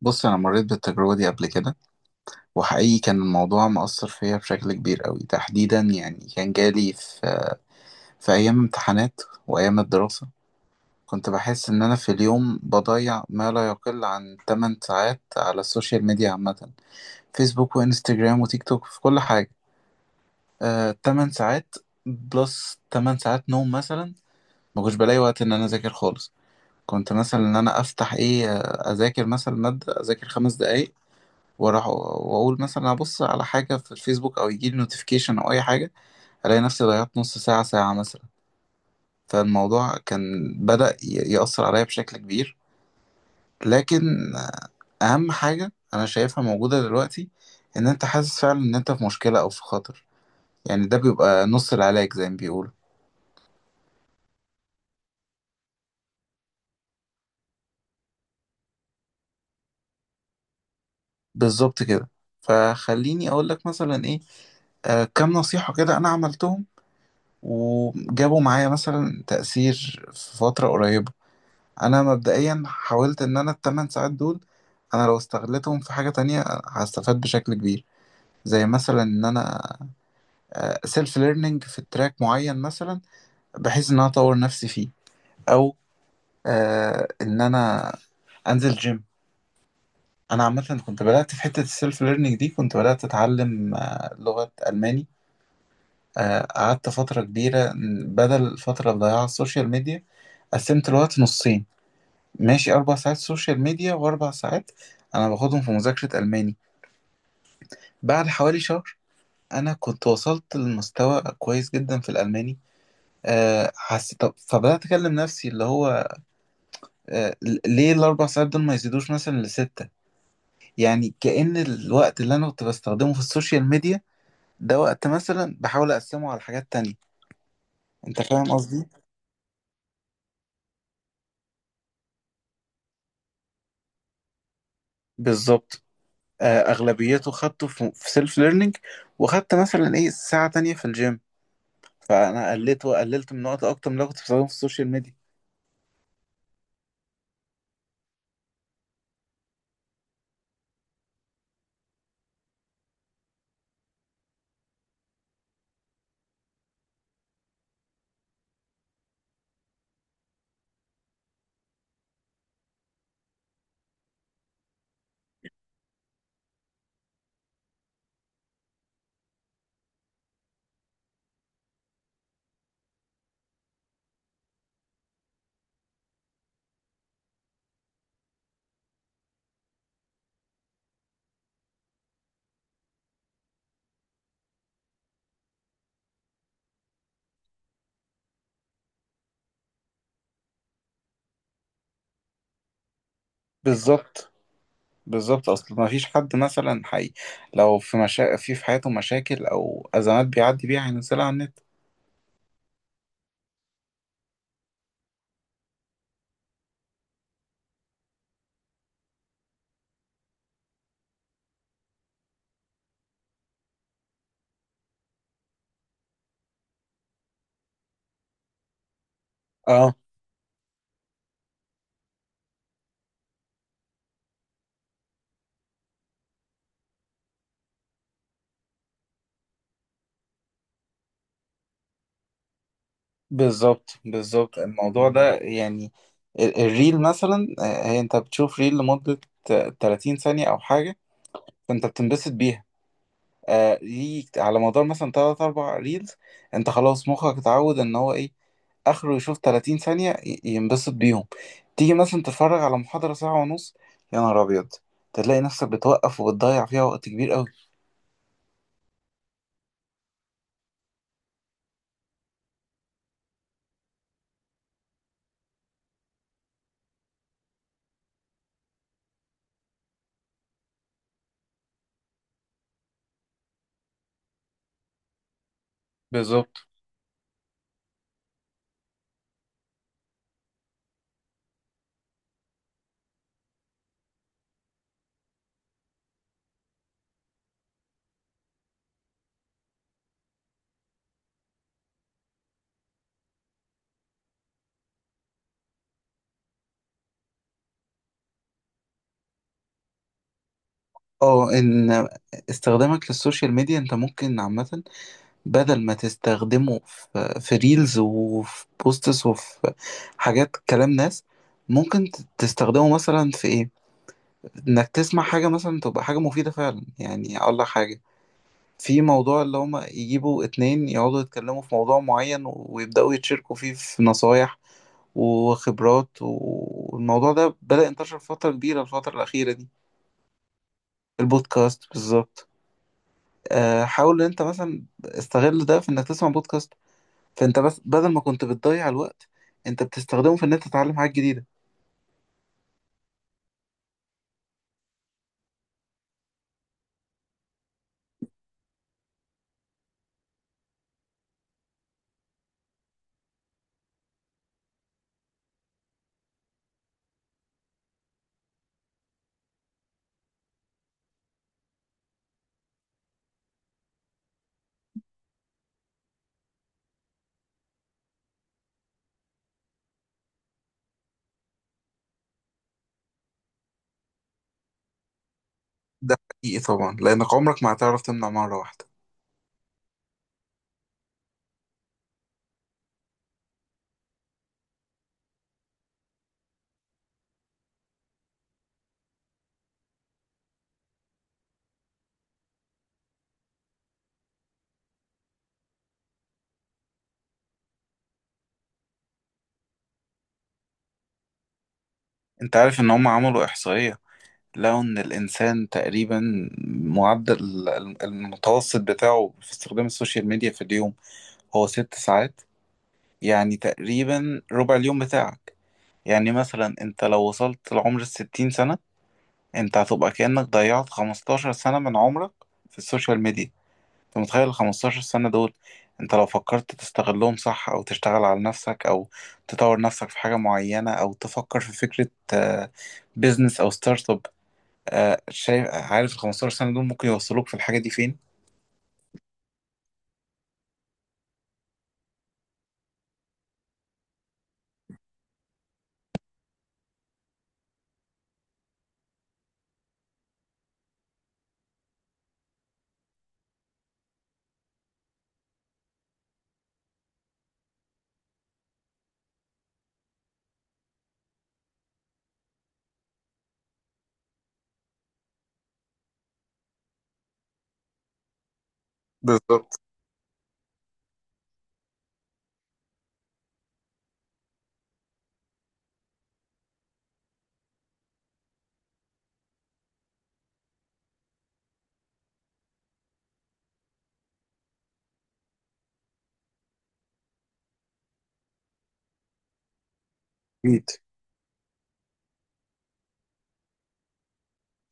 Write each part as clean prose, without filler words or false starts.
بص، انا مريت بالتجربه دي قبل كده. وحقيقي كان الموضوع مأثر فيا بشكل كبير قوي، تحديدا يعني كان جالي في ايام امتحانات وايام الدراسه. كنت بحس ان انا في اليوم بضيع ما لا يقل عن 8 ساعات على السوشيال ميديا عامه، فيسبوك وانستجرام وتيك توك في كل حاجه. 8 ساعات، بلس 8 ساعات نوم مثلا. ما كنتش بلاقي وقت ان انا اذاكر خالص. كنت مثلا ان انا افتح ايه، اذاكر مثلا ماده، اذاكر 5 دقايق واروح واقول مثلا ابص على حاجه في الفيسبوك او يجي لي نوتيفيكيشن او اي حاجه. الاقي نفسي ضيعت نص ساعه، ساعه مثلا. فالموضوع كان بدأ يأثر عليا بشكل كبير. لكن اهم حاجه انا شايفها موجوده دلوقتي، ان انت حاسس فعلا ان انت في مشكله او في خطر. يعني ده بيبقى نص العلاج زي ما بيقولوا. بالظبط كده. فخليني اقول لك مثلا ايه، كام نصيحه كده انا عملتهم، وجابوا معايا مثلا تأثير في فتره قريبه. انا مبدئيا حاولت ان انا ال 8 ساعات دول، انا لو استغلتهم في حاجة تانية هستفاد بشكل كبير. زي مثلا ان انا سيلف ليرنينج في تراك معين مثلا، بحيث ان انا اطور نفسي فيه. او ان انا انزل جيم. انا عامه كنت بدات في حته السيلف ليرنينج دي، كنت بدات اتعلم لغه الماني. قعدت فتره كبيره بدل الفتره اللي ضيعها على السوشيال ميديا. قسمت الوقت نصين، ماشي، 4 ساعات سوشيال ميديا وأربع ساعات أنا باخدهم في مذاكرة ألماني. بعد حوالي شهر أنا كنت وصلت لمستوى كويس جدا في الألماني. أه حسيت طب، فبدأت أكلم نفسي اللي هو أه ليه ال 4 ساعات دول ما يزيدوش مثلا لستة؟ يعني كأن الوقت اللي أنا كنت بستخدمه في السوشيال ميديا ده وقت مثلا بحاول أقسمه على حاجات تانية. أنت فاهم قصدي؟ بالظبط. أه، أغلبيته خدته في سيلف ليرنينج، وخدت مثلا إيه ساعة تانية في الجيم. فانا قللت وقللت من وقت اكتر من اللي أنا كنت بستخدمه في السوشيال ميديا. بالظبط بالظبط، اصل ما فيش حد مثلا حي لو في في حياته مشاكل او ازمات بيعدي بيها هينزلها على النت. اه، بالظبط بالظبط. الموضوع ده يعني الريل مثلا، هي انت بتشوف ريل لمدة 30 ثانية او حاجة، فانت بتنبسط بيها. ليك على مدار مثلا تلات أربع ريلز، أنت خلاص مخك اتعود إن هو إيه، آخره يشوف 30 ثانية ينبسط بيهم. تيجي مثلا تتفرج على محاضرة ساعة ونص، يا نهار أبيض، تلاقي نفسك بتوقف وبتضيع فيها وقت كبير أوي. بالظبط. اه، ان استخدامك للسوشيال ميديا انت ممكن عامة، بدل ما تستخدمه في ريلز وفي بوستس وفي حاجات كلام ناس، ممكن تستخدمه مثلا في إيه؟ انك تسمع حاجة مثلا تبقى حاجة مفيدة فعلا. يعني اقول لك حاجة، في موضوع اللي هما يجيبوا اتنين يقعدوا يتكلموا في موضوع معين ويبدأوا يتشاركوا فيه في نصايح وخبرات، والموضوع ده بدأ ينتشر فترة كبيرة الفترة الأخيرة دي. البودكاست بالظبط. حاول ان انت مثلا استغل ده في انك تسمع بودكاست، فانت بس بدل ما كنت بتضيع الوقت، انت بتستخدمه في ان انت تتعلم حاجات جديدة. ده حقيقي طبعا، لأنك عمرك ما هتعرف تمنع مرة واحدة. انت عارف ان هم عملوا احصائية، لو إن الإنسان تقريبا معدل المتوسط بتاعه في استخدام السوشيال ميديا في اليوم هو 6 ساعات. يعني تقريبا ربع اليوم بتاعك. يعني مثلا أنت لو وصلت لعمر ال 60 سنة، أنت هتبقى كأنك ضيعت 15 سنة من عمرك في السوشيال ميديا. أنت متخيل ال 15 سنة دول؟ أنت لو فكرت تستغلهم صح أو تشتغل على نفسك أو تطور نفسك في حاجة معينة أو تفكر في فكرة آه، بيزنس أو ستارت اب. شايف؟ عارف ال 15 سنة دول ممكن يوصلوك في الحاجة دي فين؟ بالظبط. اكيد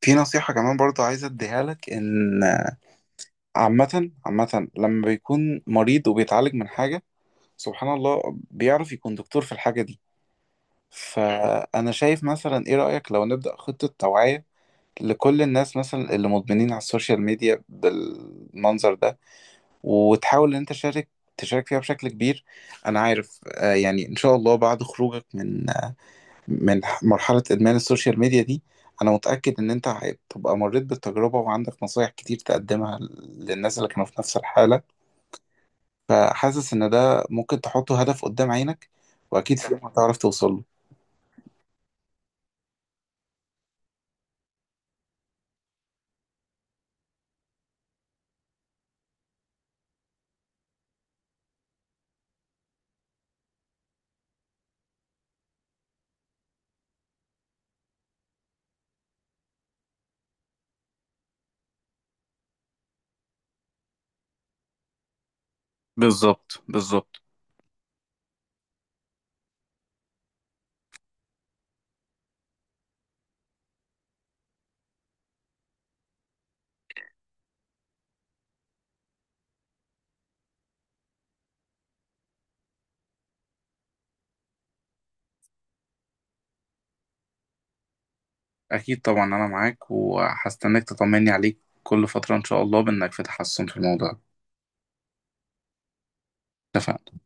في نصيحة كمان برضو عايز اديها لك، ان عامة عامة لما بيكون مريض وبيتعالج من حاجة، سبحان الله بيعرف يكون دكتور في الحاجة دي. فأنا شايف، مثلا ايه رأيك لو نبدأ خطة توعية لكل الناس مثلا اللي مدمنين على السوشيال ميديا بالمنظر ده، وتحاول ان انت تشارك تشارك فيها بشكل كبير. انا عارف، يعني ان شاء الله بعد خروجك من مرحلة إدمان السوشيال ميديا دي، أنا متأكد إن أنت هتبقى مريت بالتجربة وعندك نصايح كتير تقدمها للناس اللي كانوا في نفس الحالة. فحاسس إن ده ممكن تحطه هدف قدام عينك، وأكيد في يوم هتعرف توصل له. بالظبط بالظبط. اكيد طبعا، انا معاك وهستناك تطمني عليك كل فترة ان شاء الله بانك في تحسن في الموضوع. اتفقنا.